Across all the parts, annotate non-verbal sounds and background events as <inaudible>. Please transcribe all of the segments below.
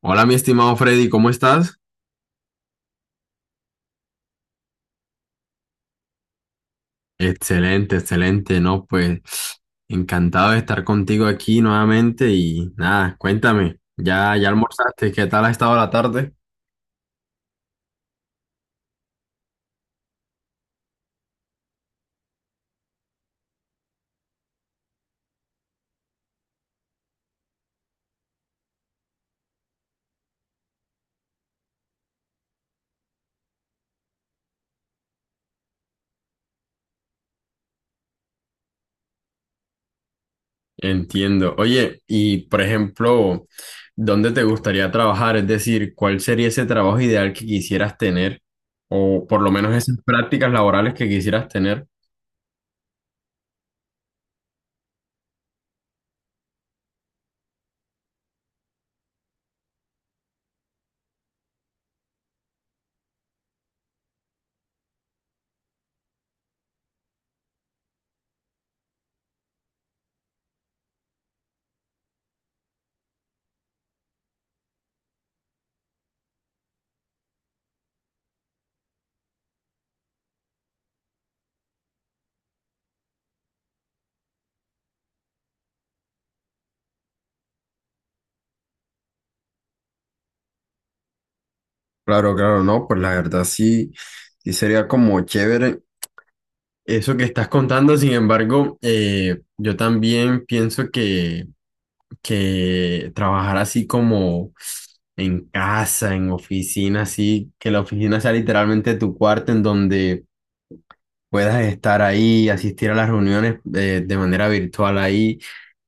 Hola, mi estimado Freddy, ¿cómo estás? Excelente, excelente, ¿no? Pues encantado de estar contigo aquí nuevamente y nada, cuéntame, ¿Ya almorzaste? ¿Qué tal ha estado la tarde? Entiendo. Oye, y por ejemplo, ¿dónde te gustaría trabajar? Es decir, ¿cuál sería ese trabajo ideal que quisieras tener? O por lo menos esas prácticas laborales que quisieras tener. Claro, claro, no, pues la verdad sí, sí sería como chévere. Eso que estás contando, sin embargo, yo también pienso que trabajar así como en casa, en oficina, así, que la oficina sea literalmente tu cuarto en donde puedas estar ahí, asistir a las reuniones de manera virtual ahí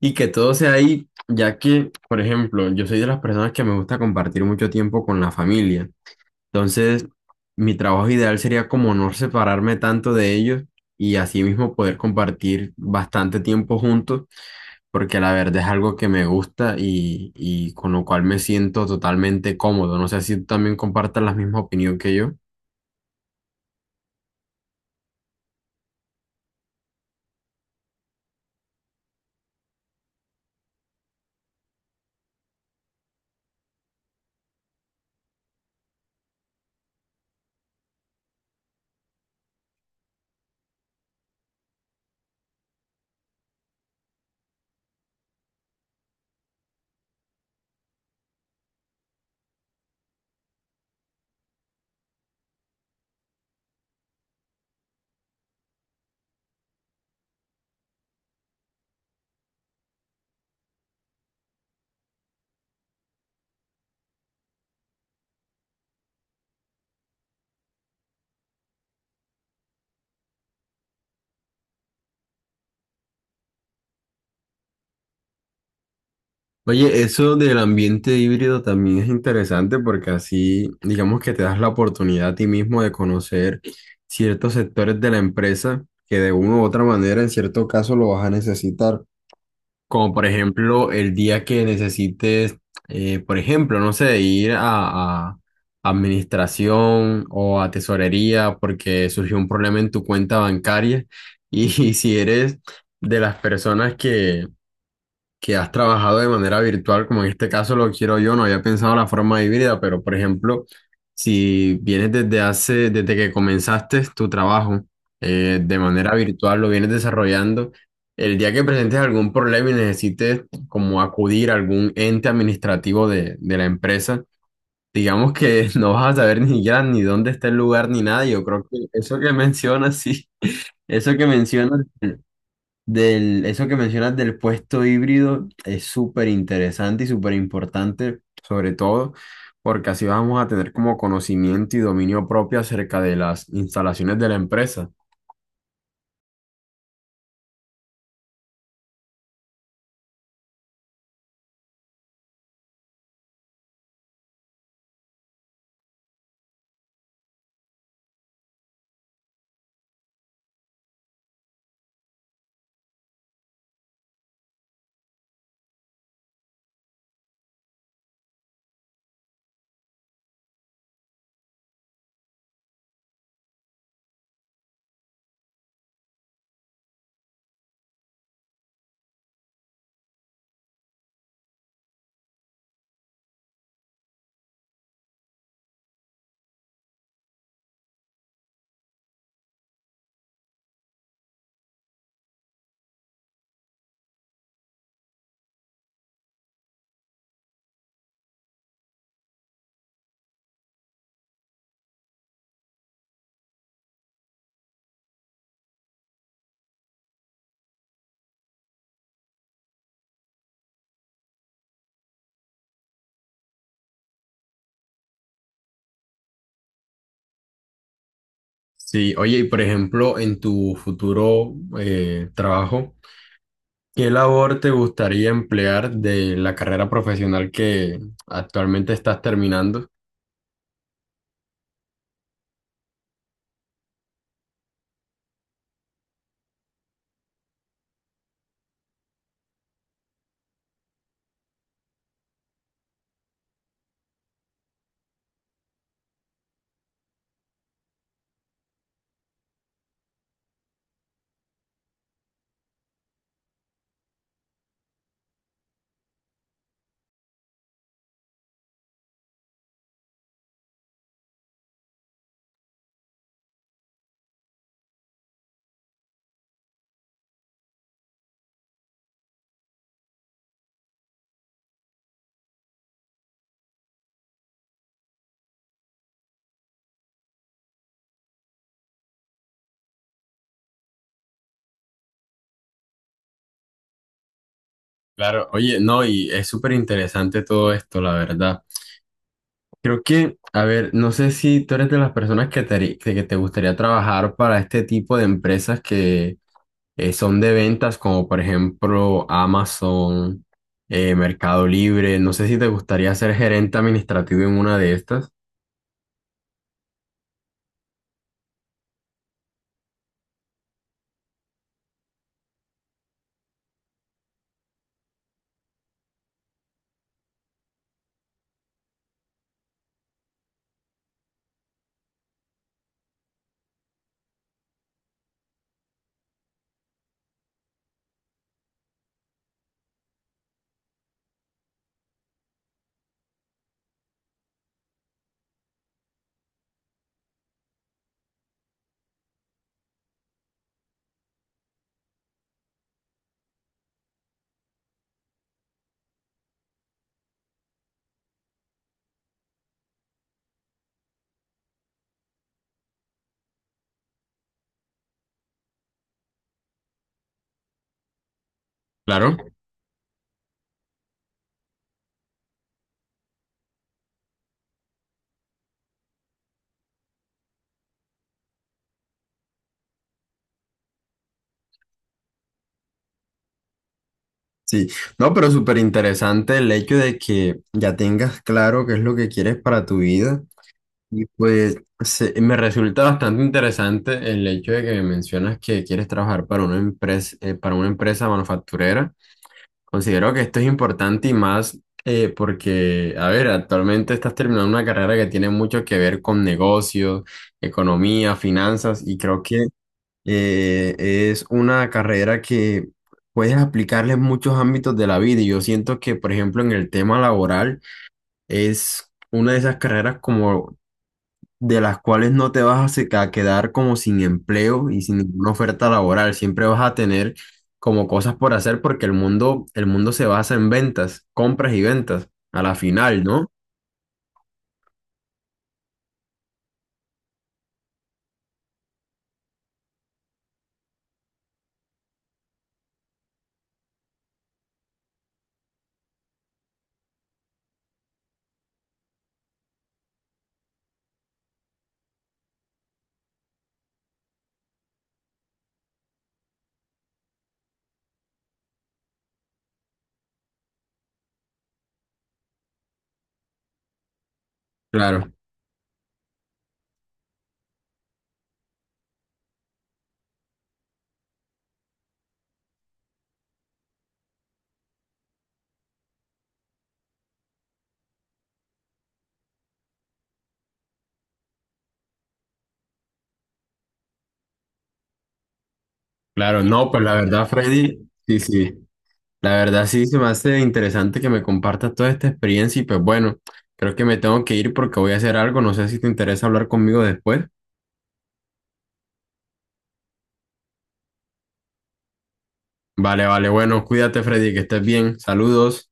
y que todo sea ahí, ya que, por ejemplo, yo soy de las personas que me gusta compartir mucho tiempo con la familia. Entonces, mi trabajo ideal sería como no separarme tanto de ellos y así mismo poder compartir bastante tiempo juntos, porque la verdad es algo que me gusta y con lo cual me siento totalmente cómodo. No sé si tú también compartas la misma opinión que yo. Oye, eso del ambiente híbrido también es interesante porque así, digamos que te das la oportunidad a ti mismo de conocer ciertos sectores de la empresa que de una u otra manera en cierto caso lo vas a necesitar. Como por ejemplo, el día que necesites, por ejemplo, no sé, ir a administración o a tesorería porque surgió un problema en tu cuenta bancaria. Y, <laughs> si eres de las personas que has trabajado de manera virtual, como en este caso lo quiero yo, no había pensado la forma híbrida, pero por ejemplo, si vienes desde que comenzaste tu trabajo de manera virtual, lo vienes desarrollando, el día que presentes algún problema y necesites como acudir a algún ente administrativo de la empresa, digamos que <laughs> no vas a saber ni ya ni dónde está el lugar ni nada, y yo creo que eso que mencionas, sí, eso que mencionas eso que mencionas del puesto híbrido es súper interesante y súper importante, sobre todo porque así vamos a tener como conocimiento y dominio propio acerca de las instalaciones de la empresa. Sí, oye, y por ejemplo, en tu futuro trabajo, ¿qué labor te gustaría emplear de la carrera profesional que actualmente estás terminando? Claro, oye, no, y es súper interesante todo esto, la verdad. Creo que, a ver, no sé si tú eres de las personas que te gustaría trabajar para este tipo de empresas que son de ventas, como por ejemplo Amazon, Mercado Libre. No sé si te gustaría ser gerente administrativo en una de estas. Claro. Sí, no, pero súper interesante el hecho de que ya tengas claro qué es lo que quieres para tu vida. Y pues me resulta bastante interesante el hecho de que mencionas que quieres trabajar para una empresa manufacturera. Considero que esto es importante y más porque, a ver, actualmente estás terminando una carrera que tiene mucho que ver con negocios, economía, finanzas y creo que es una carrera que puedes aplicarle en muchos ámbitos de la vida y yo siento que, por ejemplo, en el tema laboral es... Una de esas carreras como de las cuales no te vas a quedar como sin empleo y sin ninguna oferta laboral. Siempre vas a tener como cosas por hacer porque el mundo se basa en ventas, compras y ventas, a la final, ¿no? Claro, claro, no, pues la verdad, Freddy, sí, sí, la verdad sí se me hace interesante que me compartas toda esta experiencia y pues bueno, creo que me tengo que ir porque voy a hacer algo, no sé si te interesa hablar conmigo después. Vale, vale, bueno, cuídate, Freddy, que estés bien, saludos.